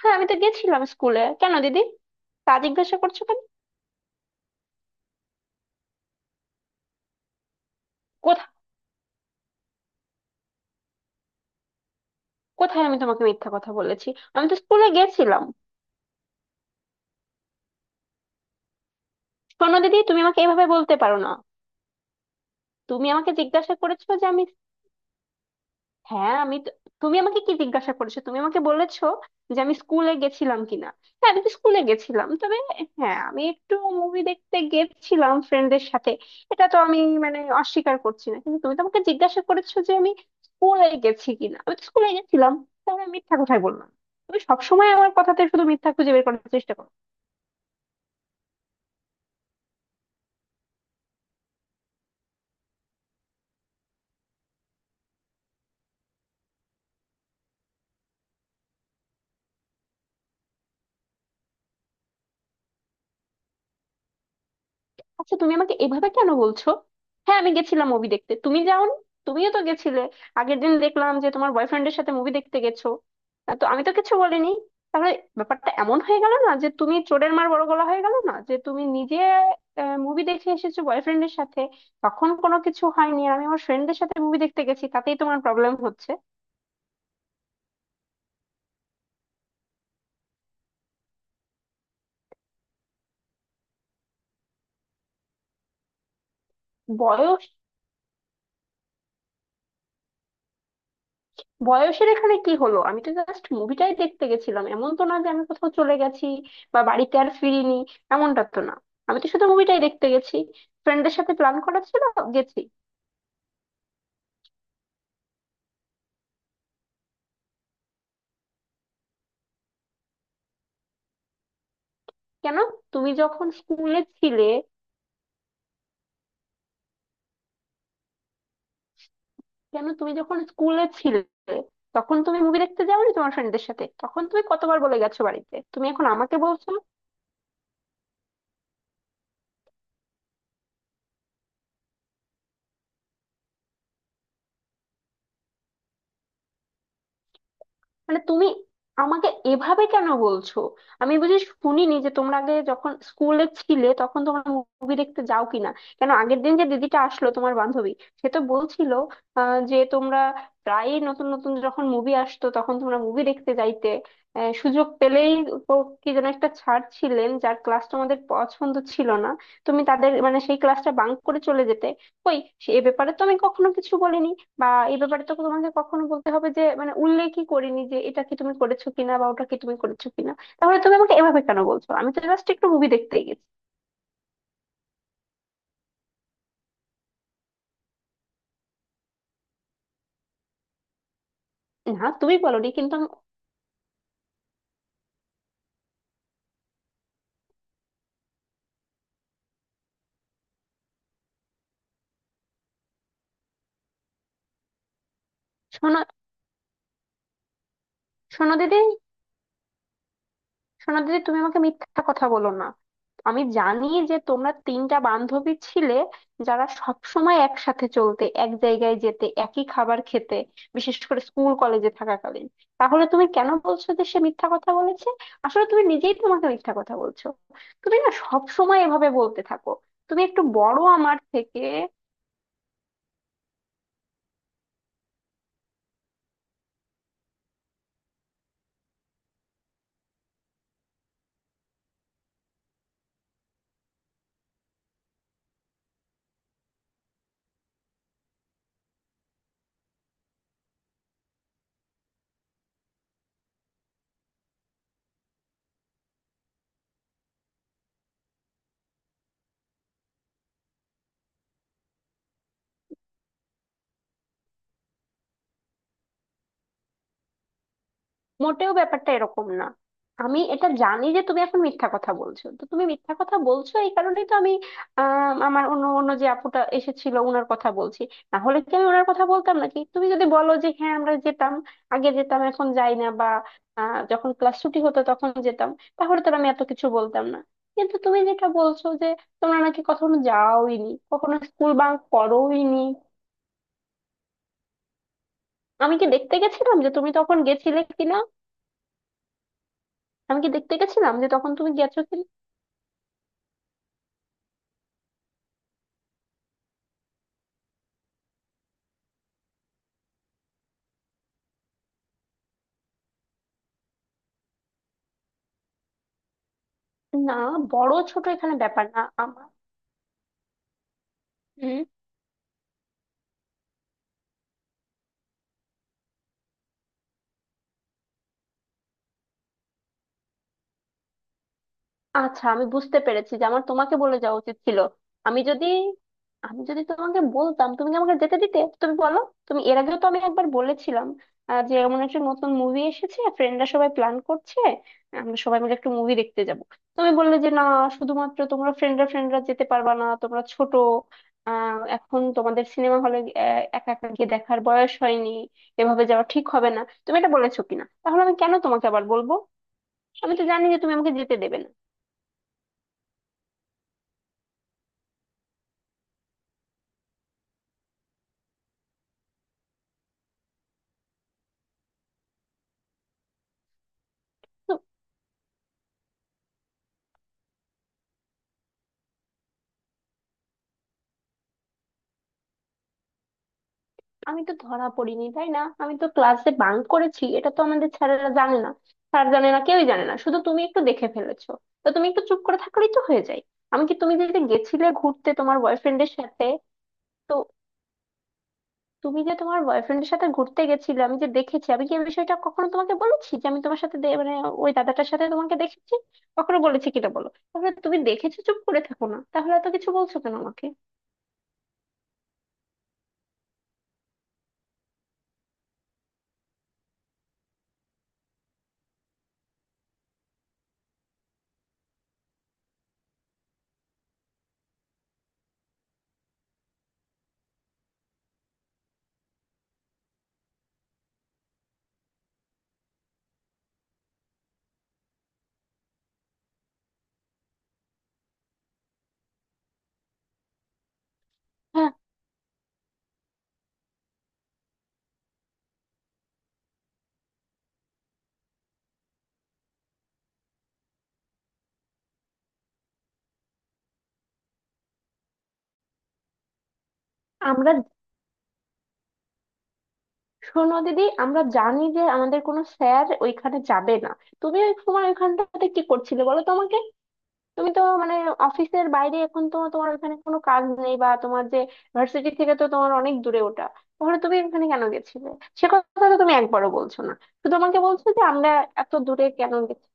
হ্যাঁ, আমি তো গেছিলাম স্কুলে। কেন দিদি, তা জিজ্ঞাসা করছো কেন? কোথা- কোথায় আমি তোমাকে মিথ্যা কথা বলেছি? আমি তো স্কুলে গেছিলাম। শোনো দিদি, তুমি আমাকে এভাবে বলতে পারো না। তুমি আমাকে জিজ্ঞাসা করেছো যে আমি, হ্যাঁ আমি তো- তুমি আমাকে কি জিজ্ঞাসা করেছো? তুমি আমাকে বলেছো যে আমি স্কুলে গেছিলাম কিনা। হ্যাঁ, আমি তো স্কুলে গেছিলাম, তবে হ্যাঁ, আমি একটু মুভি দেখতে গেছিলাম ফ্রেন্ডদের সাথে। এটা তো আমি অস্বীকার করছি না, কিন্তু তুমি তো আমাকে জিজ্ঞাসা করেছো যে আমি স্কুলে গেছি কিনা। আমি তো স্কুলে গেছিলাম, তাহলে আমি মিথ্যা কথাই বললাম? তুমি সবসময় আমার কথাতে শুধু মিথ্যা খুঁজে বের করার চেষ্টা করো। আচ্ছা, তুমি আমাকে এভাবে কেন বলছো? হ্যাঁ, আমি গেছিলাম মুভি দেখতে, তুমি যাওনি? তুমিও তো গেছিলে। আগের দিন দেখলাম যে তোমার বয়ফ্রেন্ডের সাথে মুভি দেখতে গেছো। তো আমি তো কিছু বলিনি। তাহলে ব্যাপারটা এমন হয়ে গেল না যে তুমি চোরের মার বড় গলা হয়ে গেল না, যে তুমি নিজে মুভি দেখে এসেছো বয়ফ্রেন্ডের সাথে, তখন কোনো কিছু হয়নি, আর আমি আমার ফ্রেন্ডদের সাথে মুভি দেখতে গেছি, তাতেই তোমার প্রবলেম হচ্ছে। বয়স বয়সের এখানে কি হলো? আমি তো জাস্ট মুভিটাই দেখতে গেছিলাম, এমন তো না যে আমি কোথাও চলে গেছি বা বাড়িতে আর ফিরিনি। এমনটা তো না, আমি তো শুধু মুভিটাই দেখতে গেছি। ফ্রেন্ডের সাথে প্ল্যান করা ছিল, গেছি। কেন তুমি যখন স্কুলে ছিলে কেন, তুমি যখন স্কুলে ছিলে তখন তুমি মুভি দেখতে যাওনি তোমার ফ্রেন্ডদের সাথে? তখন তুমি কতবার বলে গেছো বাড়িতে, তুমি এখন আমাকে বলছো? মানে তুমি আমাকে এভাবে কেন বলছো? আমি শুনিনি যে তোমরা আগে যখন স্কুলে ছিলে তখন তোমরা মুভি দেখতে যাও কিনা? কেন, আগের দিন যে দিদিটা আসলো তোমার বান্ধবী, সে তো বলছিল যে তোমরা প্রায়ই নতুন নতুন যখন মুভি আসতো তখন তোমরা মুভি দেখতে যাইতে, সুযোগ পেলেই। ও- কি যেন একটা ছাড় ছিলেন যার ক্লাস তোমাদের পছন্দ ছিল না, তুমি তাদের মানে সেই ক্লাসটা বাঙ্ক করে চলে যেতে। কই, সে এ ব্যাপারে তো আমি কখনো কিছু বলিনি বা এই ব্যাপারে তো তোমাকে কখনো বলতে হবে যে মানে উল্লেখই করিনি যে এটা কি তুমি করেছো কিনা বা ওটা কি তুমি করেছো কিনা। তাহলে তুমি আমাকে এভাবে কেন বলছো? আমি তো জাস্ট একটু মুভি দেখতে গেছি। না, তুমি বলোনি, শোনো, শোনো দিদি শোনো দিদি, তুমি আমাকে মিথ্যা কথা বলো না। আমি জানি যে তোমরা তিনটা বান্ধবী ছিলে যারা সব সময় একসাথে চলতে, এক জায়গায় যেতে, একই খাবার খেতে, বিশেষ করে স্কুল কলেজে থাকাকালীন। তাহলে তুমি কেন বলছো যে সে মিথ্যা কথা বলেছে? আসলে তুমি নিজেই তোমাকে মিথ্যা কথা বলছো। তুমি না সব সময় এভাবে বলতে থাকো। তুমি একটু বড় আমার থেকে। মোটেও ব্যাপারটা এরকম না। আমি এটা জানি যে তুমি এখন মিথ্যা কথা বলছো, তো তুমি মিথ্যা কথা বলছো এই কারণেই তো আমি আমার অন্য অন্য যে আপুটা এসেছিল, ওনার কথা বলছি। না হলে কি আমি ওনার কথা বলতাম নাকি? তুমি যদি বলো যে হ্যাঁ আমরা যেতাম, আগে যেতাম এখন যাই না, বা যখন ক্লাস ছুটি হতো তখন যেতাম, তাহলে তো আর আমি এত কিছু বলতাম না। কিন্তু তুমি যেটা বলছো যে তোমরা নাকি কখনো যাওইনি, কখনো স্কুল বাঙ্ক করোইনি। আমি কি দেখতে গেছিলাম যে তুমি তখন গেছিলে কিনা? আমি কি দেখতে গেছিলাম যে তখন তুমি গেছো? না, বড় ছোট এখানে ব্যাপার না আমার। হুম। আচ্ছা, আমি বুঝতে পেরেছি যে আমার তোমাকে বলে যাওয়া উচিত ছিল। আমি যদি আমি যদি তোমাকে বলতাম তুমি কি আমাকে যেতে দিতে, তুমি বলো? তুমি এর আগেও তো, আমি একবার বলেছিলাম যে এমন একটা নতুন মুভি এসেছে, ফ্রেন্ডরা সবাই প্ল্যান করছে, আমরা সবাই মিলে একটু মুভি দেখতে যাব। তুমি বললে যে না, শুধুমাত্র তোমরা ফ্রেন্ডরা ফ্রেন্ডরা যেতে পারবা না, তোমরা ছোট। আহ, এখন তোমাদের সিনেমা হলে একা একা গিয়ে দেখার বয়স হয়নি, এভাবে যাওয়া ঠিক হবে না। তুমি এটা বলেছো কিনা? তাহলে আমি কেন তোমাকে আবার বলবো? আমি তো জানি যে তুমি আমাকে যেতে দেবে না। আমি তো ধরা পড়িনি তাই না? আমি তো ক্লাসে বাঙ্ক করেছি, এটা তো আমাদের স্যারেরা জানে না। স্যার জানে না, কেউই জানে না, শুধু তুমি একটু দেখে ফেলেছো। তো তুমি একটু চুপ করে থাকলেই তো হয়ে যায়। আমি কি তুমি যে যে গেছিলে ঘুরতে তোমার বয়ফ্রেন্ডের সাথে, তো তুমি যে তোমার বয়ফ্রেন্ডের সাথে ঘুরতে গেছিলে, আমি যে দেখেছি, আমি কি এই বিষয়টা কখনো তোমাকে বলেছি যে আমি তোমার সাথে দে- মানে ওই দাদাটার সাথে তোমাকে দেখেছি? কখনো বলেছি কিটা বলো? তাহলে তুমি দেখেছো, চুপ করে থাকো না, তাহলে এত কিছু বলছো কেন আমাকে? হ্যাঁ আমরা শোনো দিদি, আমরা জানি যে আমাদের কোনো স্যার ওইখানে যাবে না। তুমি ওই সময় ওইখানটাতে কি করছিলে বলো তো আমাকে? তুমি তো মানে অফিসের বাইরে এখন তো তোমার ওখানে কোনো কাজ নেই, বা তোমার যে ভার্সিটি, থেকে তো তোমার অনেক দূরে ওটা। তাহলে তুমি ওখানে কেন গেছিলে? সে কথা তো তুমি একবারও বলছো না, শুধু আমাকে বলছো যে আমরা এত দূরে কেন গেছি।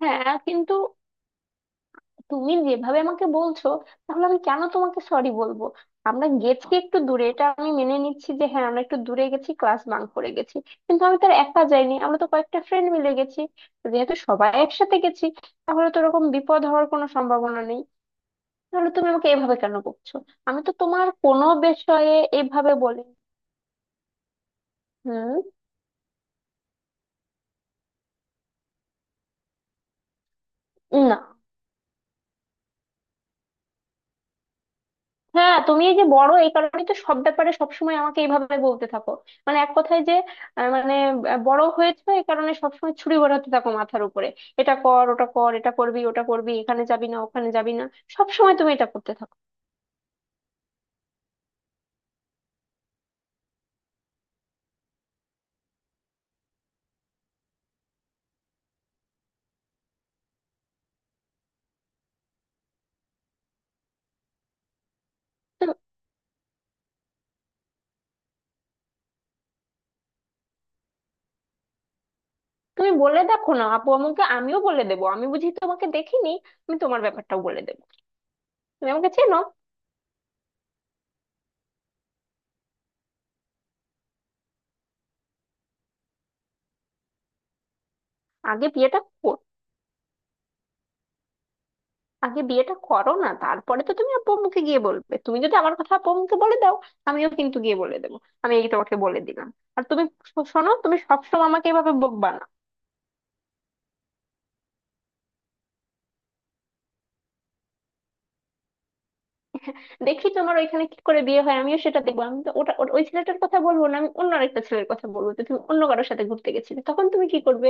হ্যাঁ, কিন্তু তুমি যেভাবে আমাকে বলছো, তাহলে আমি কেন তোমাকে সরি বলবো? আমরা গেছি একটু দূরে, এটা আমি মেনে নিচ্ছি যে হ্যাঁ আমরা একটু দূরে গেছি, ক্লাস বাঙ্ক করে গেছি। কিন্তু আমি তো আর একা যাইনি, আমরা তো কয়েকটা ফ্রেন্ড মিলে গেছি। যেহেতু সবাই একসাথে গেছি, তাহলে তো এরকম বিপদ হওয়ার কোনো সম্ভাবনা নেই। তাহলে তুমি আমাকে এভাবে কেন বকছো? আমি তো তোমার কোনো বিষয়ে এভাবে বলি? হুম। না। হ্যাঁ, তুমি এই যে বড়, এই কারণে তো সব ব্যাপারে সবসময় আমাকে এইভাবে বলতে থাকো। মানে এক কথায় যে আহ, মানে আহ, বড় হয়েছে এই কারণে সবসময় ছুরি ঘোরাতে থাকো মাথার উপরে। এটা কর, ওটা কর, এটা করবি, ওটা করবি, এখানে যাবি না, ওখানে যাবি না, সবসময় তুমি এটা করতে থাকো। তো তুমি বলে দেখো না আপু আমাকে, আমিও বলে দেবো। আমি বুঝি, তোমাকে দেখিনি? আমি তোমার ব্যাপারটাও বলে দেবো, তুমি আমাকে চেনো। আগে বিয়েটা করো আগে বিয়েটা করো না, তারপরে তো তুমি আব্বু আম্মুকে গিয়ে বলবে। তুমি যদি আমার কথা আব্বু আম্মুকে বলে দাও, আমিও কিন্তু গিয়ে বলে দেবো। আমি এই তোমাকে বলে দিলাম। আর তুমি, শোনো, তুমি সবসময় আমাকে এভাবে বকবা না। দেখি তোমার ওইখানে কি করে বিয়ে হয়, আমিও সেটা দেখবো। আমি তো ওটা ওটা- ওই ছেলেটার কথা বলবো না, আমি অন্য একটা ছেলের কথা বলবো যে তুমি অন্য কারোর সাথে ঘুরতে গেছিলে, তখন তুমি কি করবে?